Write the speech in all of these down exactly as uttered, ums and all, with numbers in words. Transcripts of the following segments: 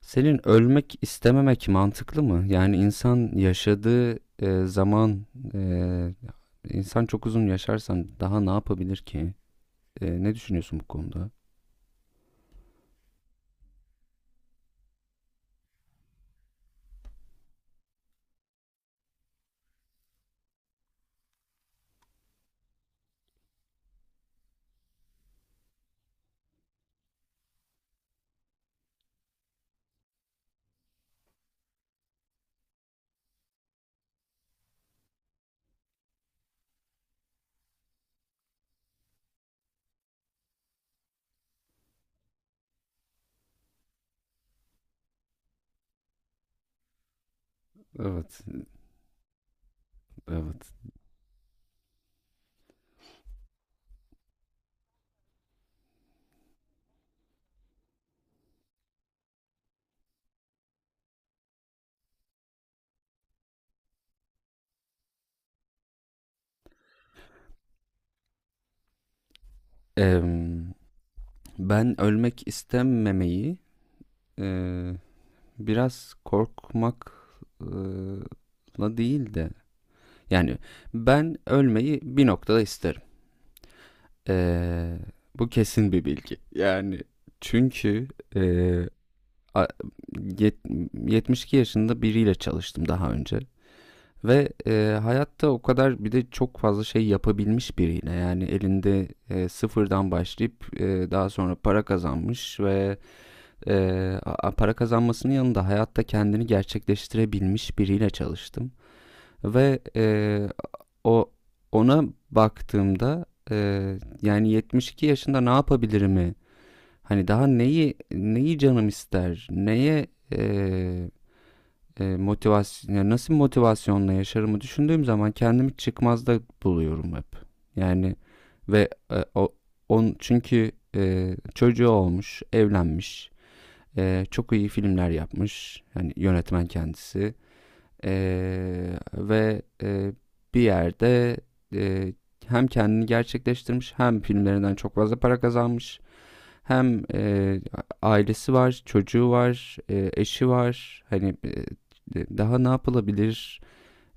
Senin ölmek istememek mantıklı mı? Yani insan yaşadığı e, zaman e, insan çok uzun yaşarsan daha ne yapabilir ki? E, ne düşünüyorsun bu konuda? Evet, evet. Em, Ben ölmek istememeyi e, biraz korkmakla değil de yani ben ölmeyi bir noktada isterim. E, Bu kesin bir bilgi. Yani çünkü e, a- yet- yetmiş iki yaşında biriyle çalıştım daha önce. Ve e, hayatta o kadar bir de çok fazla şey yapabilmiş biriyle yani elinde e, sıfırdan başlayıp e, daha sonra para kazanmış ve e, para kazanmasının yanında hayatta kendini gerçekleştirebilmiş biriyle çalıştım. Ve e, o ona baktığımda e, yani yetmiş iki yaşında ne yapabilirim mi, hani daha neyi neyi canım ister neye e, e, motivasyon, ya nasıl motivasyonla yaşarımı düşündüğüm zaman kendimi çıkmazda buluyorum hep. Yani ve e, o on çünkü e, çocuğu olmuş, evlenmiş, e, çok iyi filmler yapmış. Yani yönetmen kendisi. E, Ve e, bir yerde e, hem kendini gerçekleştirmiş, hem filmlerinden çok fazla para kazanmış, hem, eee, ailesi var, çocuğu var, eee, eşi var. Hani, eee, daha ne yapılabilir?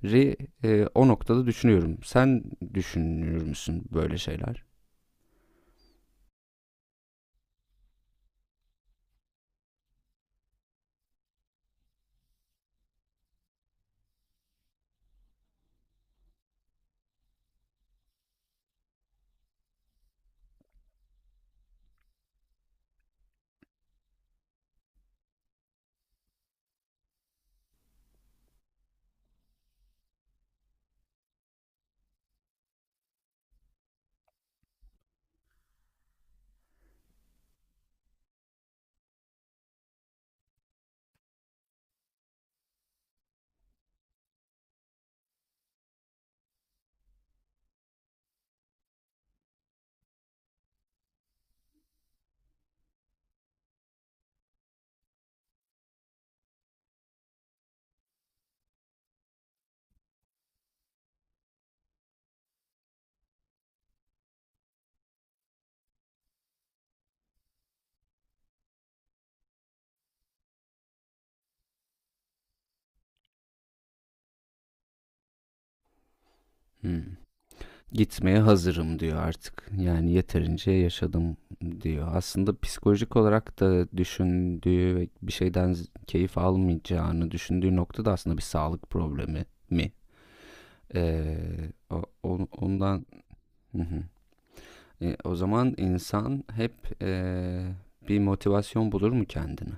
eee, O noktada düşünüyorum. Sen düşünür müsün böyle şeyler? Hımm. Gitmeye hazırım diyor artık. Yani yeterince yaşadım diyor. Aslında psikolojik olarak da düşündüğü ve bir şeyden keyif almayacağını düşündüğü nokta da aslında bir sağlık problemi mi? Eee, o ondan. Hı hı. E, o zaman insan hep e, bir motivasyon bulur mu kendine?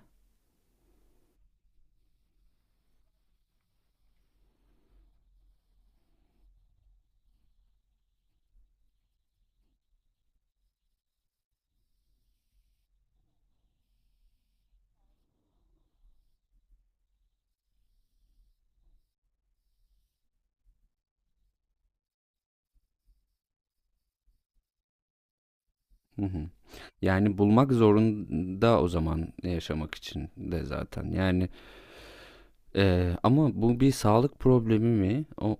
Hı hı. Yani bulmak zorunda o zaman, yaşamak için de zaten. Yani e, ama bu bir sağlık problemi mi? O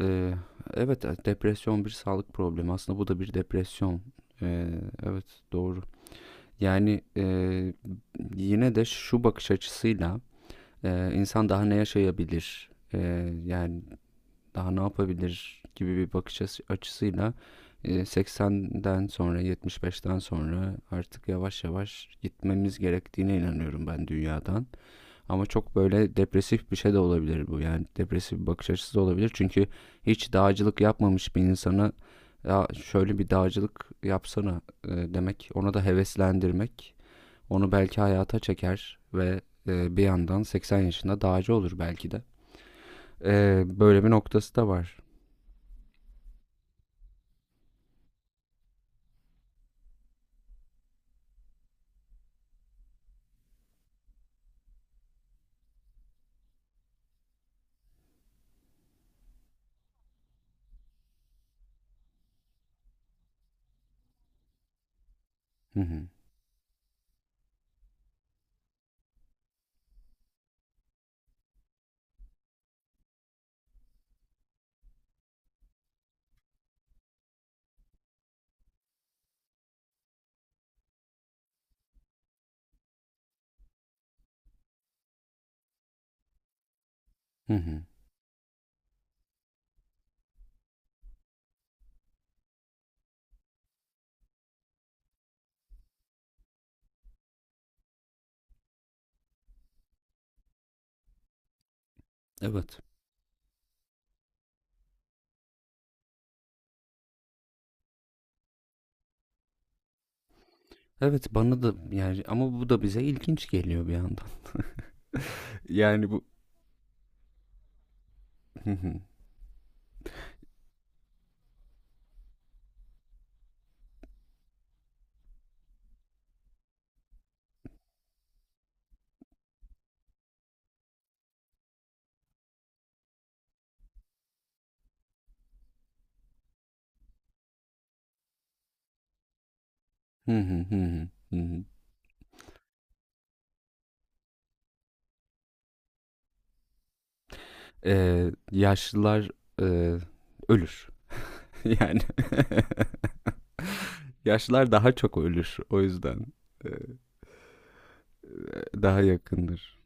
e, evet, e, depresyon bir sağlık problemi. Aslında bu da bir depresyon. E, evet, doğru. Yani e, yine de şu bakış açısıyla e, insan daha ne yaşayabilir? E, yani daha ne yapabilir gibi bir bakış açısıyla e, seksenden sonra, yetmiş beşten sonra artık yavaş yavaş gitmemiz gerektiğine inanıyorum ben dünyadan. Ama çok böyle depresif bir şey de olabilir bu. Yani depresif bir bakış açısı da olabilir. Çünkü hiç dağcılık yapmamış bir insana ya şöyle bir dağcılık yapsana e, demek, ona da heveslendirmek, onu belki hayata çeker ve e, bir yandan seksen yaşında dağcı olur belki de. E, böyle bir noktası da var. Hı hı. Hı hı. Evet. Evet, bana da, yani ama bu da bize ilginç geliyor bir yandan. Yani bu. Hı hı. Hı hı, hı hı, hı hı. Eee, yaşlılar eee, ölür. Yani yaşlılar daha çok ölür. O yüzden eee, daha yakındır.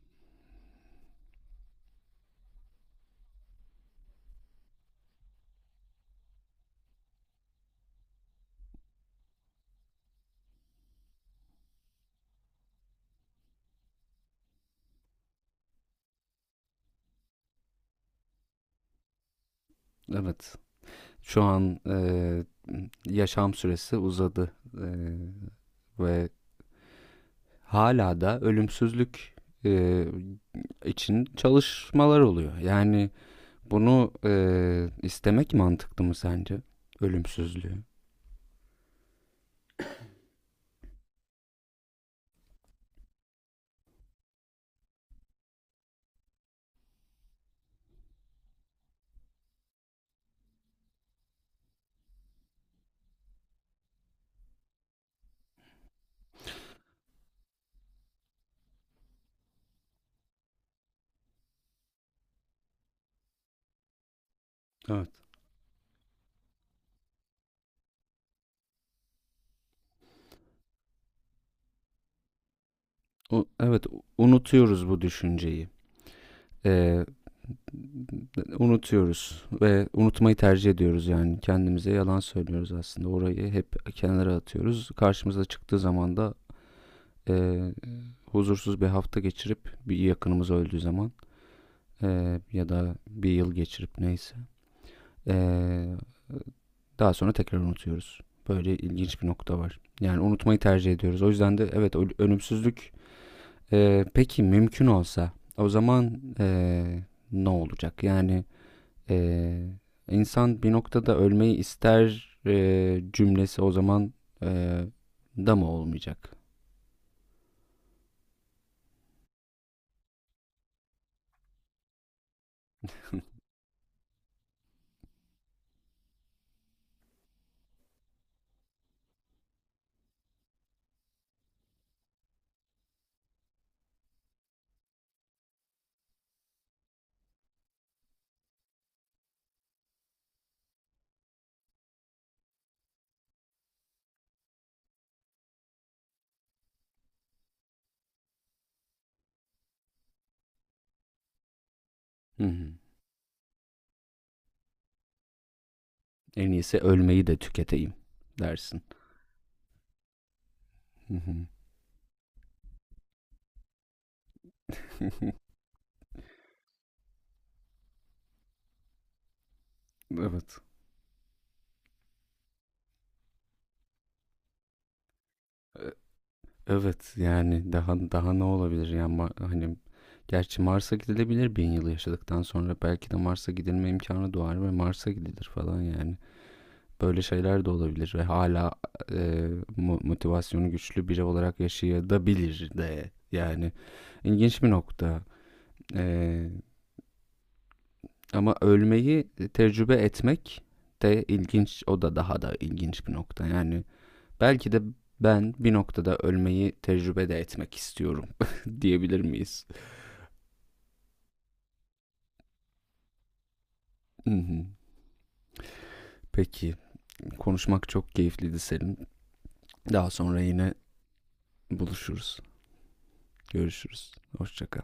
Evet. Şu an eee, yaşam süresi uzadı. Eee, Ve hala da ölümsüzlük eee, için çalışmalar oluyor. Yani bunu eee, istemek mantıklı mı sence? Ölümsüzlüğü. Evet. O, evet, unutuyoruz bu düşünceyi. Eee, Unutuyoruz ve unutmayı tercih ediyoruz, yani kendimize yalan söylüyoruz aslında. Orayı hep kenara atıyoruz. Karşımıza çıktığı zaman da eee, huzursuz bir hafta geçirip, bir yakınımız öldüğü zaman eee, ya da bir yıl geçirip neyse eee, daha sonra tekrar unutuyoruz. Böyle ilginç bir nokta var. Yani unutmayı tercih ediyoruz. O yüzden de evet, ö- ölümsüzlük. Ee, peki, mümkün olsa o zaman ee, ne olacak? Yani ee, insan bir noktada ölmeyi ister ee, cümlesi o zaman ee, da mı olmayacak? Hı hı. En iyisi ölmeyi de tüketeyim dersin. Hı hı. Evet. E, Evet, yani daha daha ne olabilir, yani Ma- hani gerçi Mars'a gidilebilir, bin yıl yaşadıktan sonra belki de Mars'a gidilme imkanı doğar ve Mars'a gidilir falan yani. Böyle şeyler de olabilir ve hala e, motivasyonu güçlü biri olarak yaşayabilir de, yani ilginç bir nokta. E, Ama ölmeyi tecrübe etmek de ilginç, o da daha da ilginç bir nokta yani. Belki de ben bir noktada ölmeyi tecrübe de etmek istiyorum, diyebilir miyiz? Peki, konuşmak çok keyifliydi senin. Daha sonra yine buluşuruz. Görüşürüz. Hoşçakal.